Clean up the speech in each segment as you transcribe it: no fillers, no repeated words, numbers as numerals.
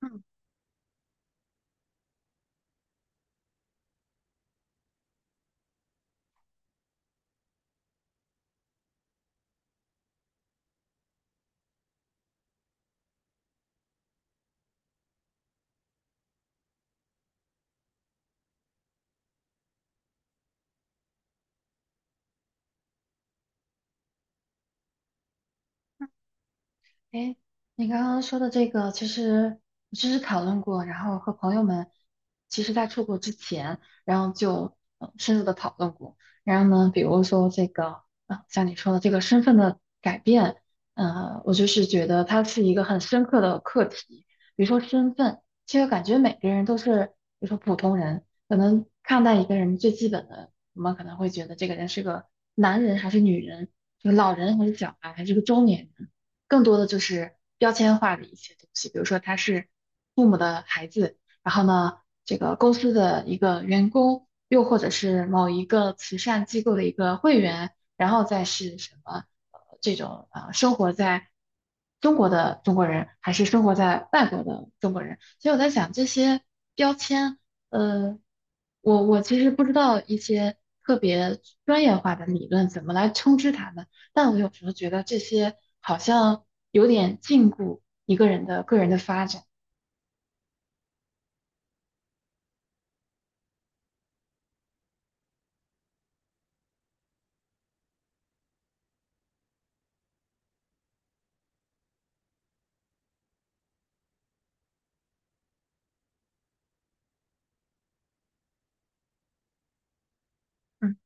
嗯，哎，你刚刚说的这个，其实我讨论过，然后和朋友们，其实在出国之前，然后就深入的讨论过。然后呢，比如说这个，啊，像你说的这个身份的改变，我就是觉得它是一个很深刻的课题。比如说身份，其实感觉每个人都是，比如说普通人，可能看待一个人最基本的，我们可能会觉得这个人是个男人还是女人，是个老人还是小孩，还是个中年人。更多的就是标签化的一些东西，比如说他是父母的孩子，然后呢，这个公司的一个员工，又或者是某一个慈善机构的一个会员，然后再是什么这种生活在中国的中国人，还是生活在外国的中国人，所以我在想这些标签，呃，我其实不知道一些特别专业化的理论怎么来称之它们。但我有时候觉得这些好像有点禁锢一个人的个人的发展。嗯，嗯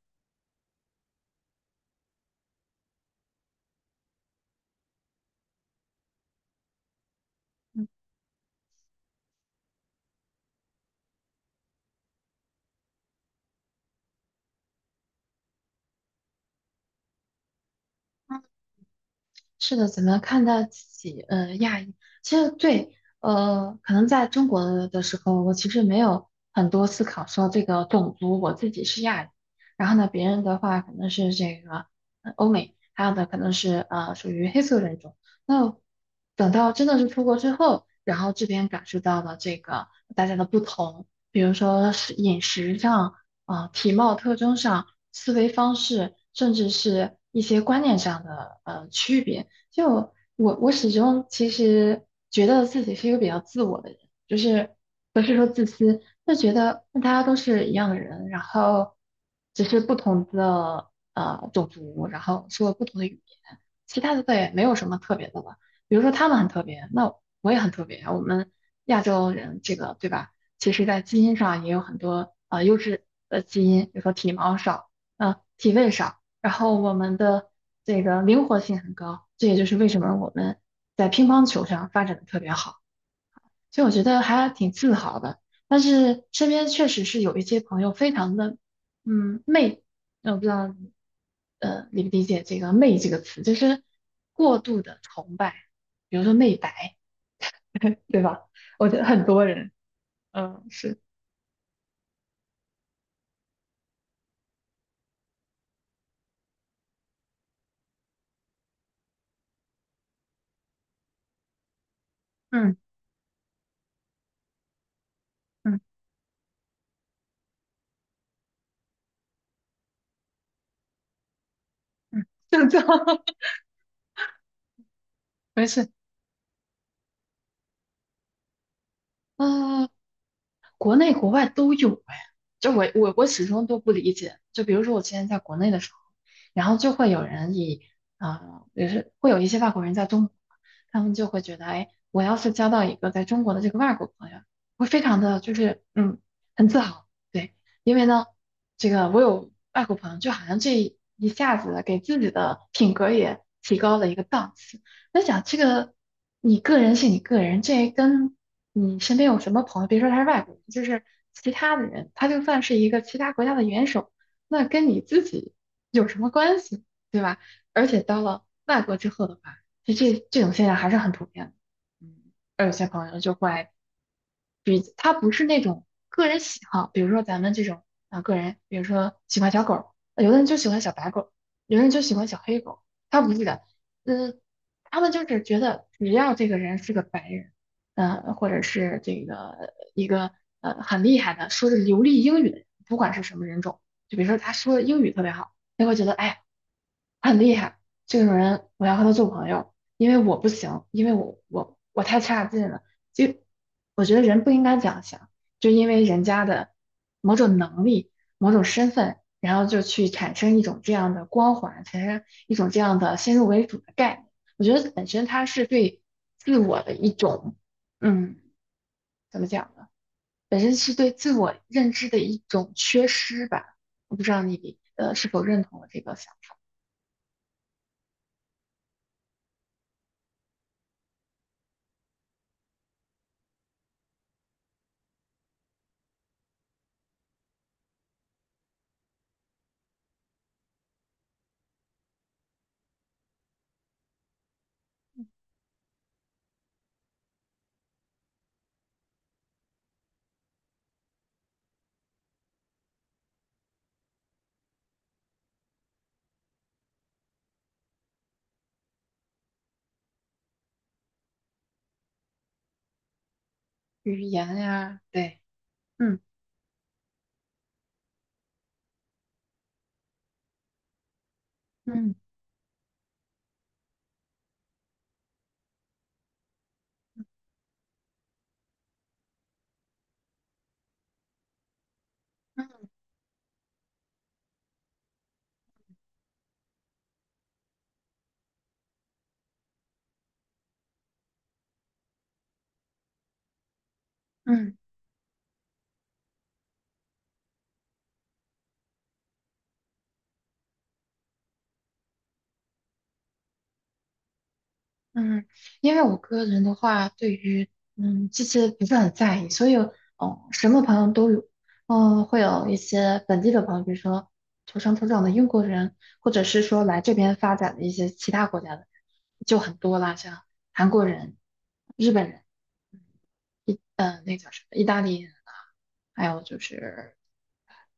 是的，怎么看待自己？亚裔，其实对，可能在中国的时候，我其实没有很多思考说这个种族，我自己是亚裔，然后呢，别人的话可能是这个欧美，还有的可能是属于黑色人种。那等到真的是出国之后，然后这边感受到了这个大家的不同，比如说是饮食上，啊、体貌特征上，思维方式，甚至是一些观念上的区别。就我始终其实觉得自己是一个比较自我的人，就是不是说自私，就觉得大家都是一样的人，然后只是不同的种族，然后说不同的语言，其他的倒也没有什么特别的吧。比如说他们很特别，那我也很特别啊，我们亚洲人这个对吧？其实在基因上也有很多优质的基因，比如说体毛少，体味少。然后我们的这个灵活性很高，这也就是为什么我们在乒乓球上发展的特别好。所以我觉得还挺自豪的。但是身边确实是有一些朋友非常的，嗯，媚，我不知道理不理解这个“媚”这个词，就是过度的崇拜，比如说媚白，对吧？我觉得很多人，嗯，是，嗯嗯嗯，是这样，没事，啊。国内国外都有哎，就我始终都不理解。就比如说我之前在国内的时候，然后就会有人以啊，也、是会有一些外国人在中国，他们就会觉得，哎，我要是交到一个在中国的这个外国朋友，会非常的就是嗯很自豪，对，因为呢，这个我有外国朋友，就好像这一下子给自己的品格也提高了一个档次。那想这个，你个人是你个人，这跟你身边有什么朋友，别说他是外国人，就是其他的人，他就算是一个其他国家的元首，那跟你自己有什么关系，对吧？而且到了外国之后的话，就这种现象还是很普遍的。嗯，而有些朋友就会比他不是那种个人喜好，比如说咱们这种啊个人，比如说喜欢小狗有的人就喜欢小白狗有的人就喜欢小黑狗他不是的，嗯，他们就是觉得只要这个人是个白人，嗯，或者是这个一个很厉害的，说是流利英语的人，不管是什么人种，就比如说他说英语特别好，他会觉得哎，很厉害。这种人我要和他做朋友，因为我不行，因为我太差劲了。就我觉得人不应该这样想，就因为人家的某种能力、某种身份，然后就去产生一种这样的光环，产生一种这样的先入为主的概念。我觉得本身它是对自我的一种，嗯，怎么讲呢？本身是对自我认知的一种缺失吧。我不知道你是否认同我这个想法。语言呀，对。嗯嗯嗯嗯嗯，因为我个人的话，对于嗯这些不是很在意，所以哦，什么朋友都有，嗯，会有一些本地的朋友，比如说土生土长的英国人，或者是说来这边发展的一些其他国家的人就很多啦，像韩国人、日本人、意那叫什么意大利人啊，还有就是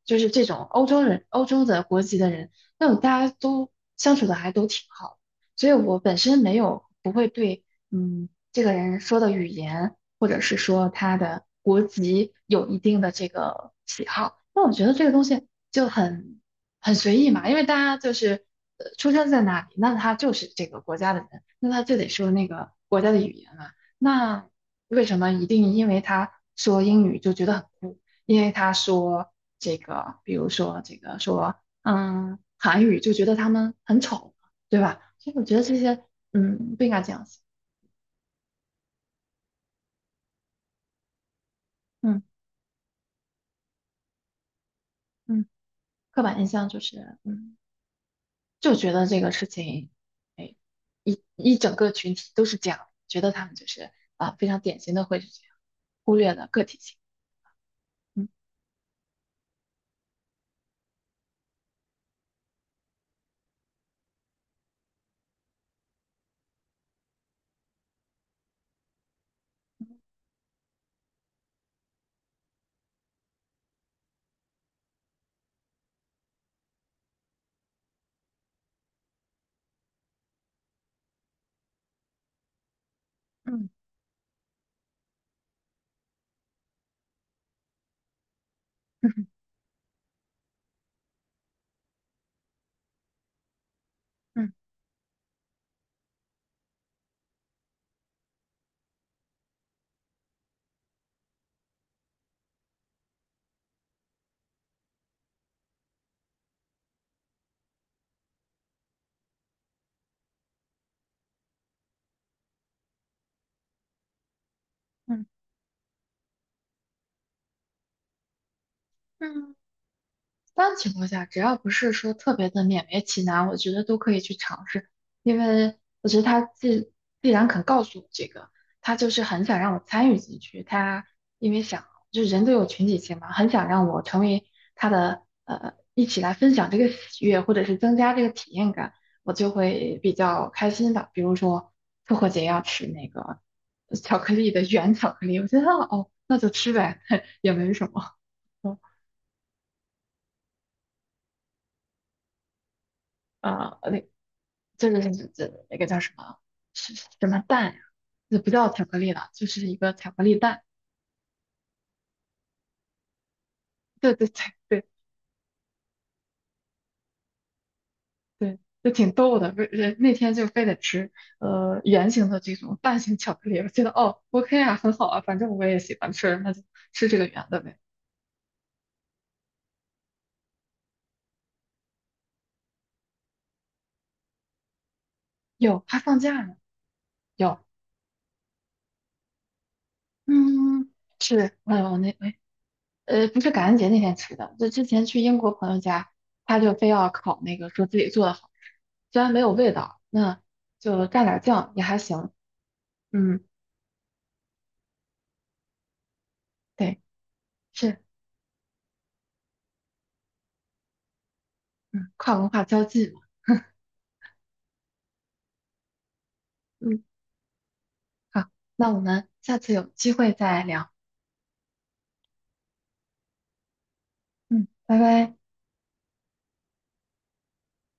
这种欧洲人、欧洲的国籍的人，那种大家都相处的还都挺好的所以我本身没有不会对，嗯，这个人说的语言或者是说他的国籍有一定的这个喜好。那我觉得这个东西就很很随意嘛，因为大家就是出生在哪里，那他就是这个国家的人，那他就得说那个国家的语言嘛。那为什么一定因为他说英语就觉得很酷？因为他说这个，比如说这个说，嗯，韩语就觉得他们很丑，对吧？所以我觉得这些，嗯，不应该这样想，嗯嗯，刻板印象就是，嗯，就觉得这个事情，哎，一整个群体都是这样，觉得他们就是啊，非常典型的会是这样，忽略了个体性，嗯嗯嗯嗯嗯嗯。嗯一般情况下，只要不是说特别的勉为其难，我觉得都可以去尝试，因为我觉得他既既然肯告诉我这个，他就是很想让我参与进去，他因为想就人都有群体性嘛，很想让我成为他的一起来分享这个喜悦，或者是增加这个体验感，我就会比较开心的。比如说复活节要吃那个巧克力的原巧克力，我觉得哦那就吃呗，也没什么。啊那这个是这那个叫什么？是是什么蛋呀？这不叫巧克力了，就是一个巧克力蛋。对对对对对，就挺逗的。不是那天就非得吃圆形的这种蛋形巧克力，我觉得哦 OK 啊，很好啊，反正我也喜欢吃，那就吃这个圆的呗。有还放假呢？有，嗯，是，我我那哎不是感恩节那天吃的，就之前去英国朋友家，他就非要烤那个，说自己做的好吃，虽然没有味道，那就蘸点儿酱也还行。嗯，对，是，嗯，跨文化交际嘛。嗯，好，那我们下次有机会再聊。嗯，拜拜。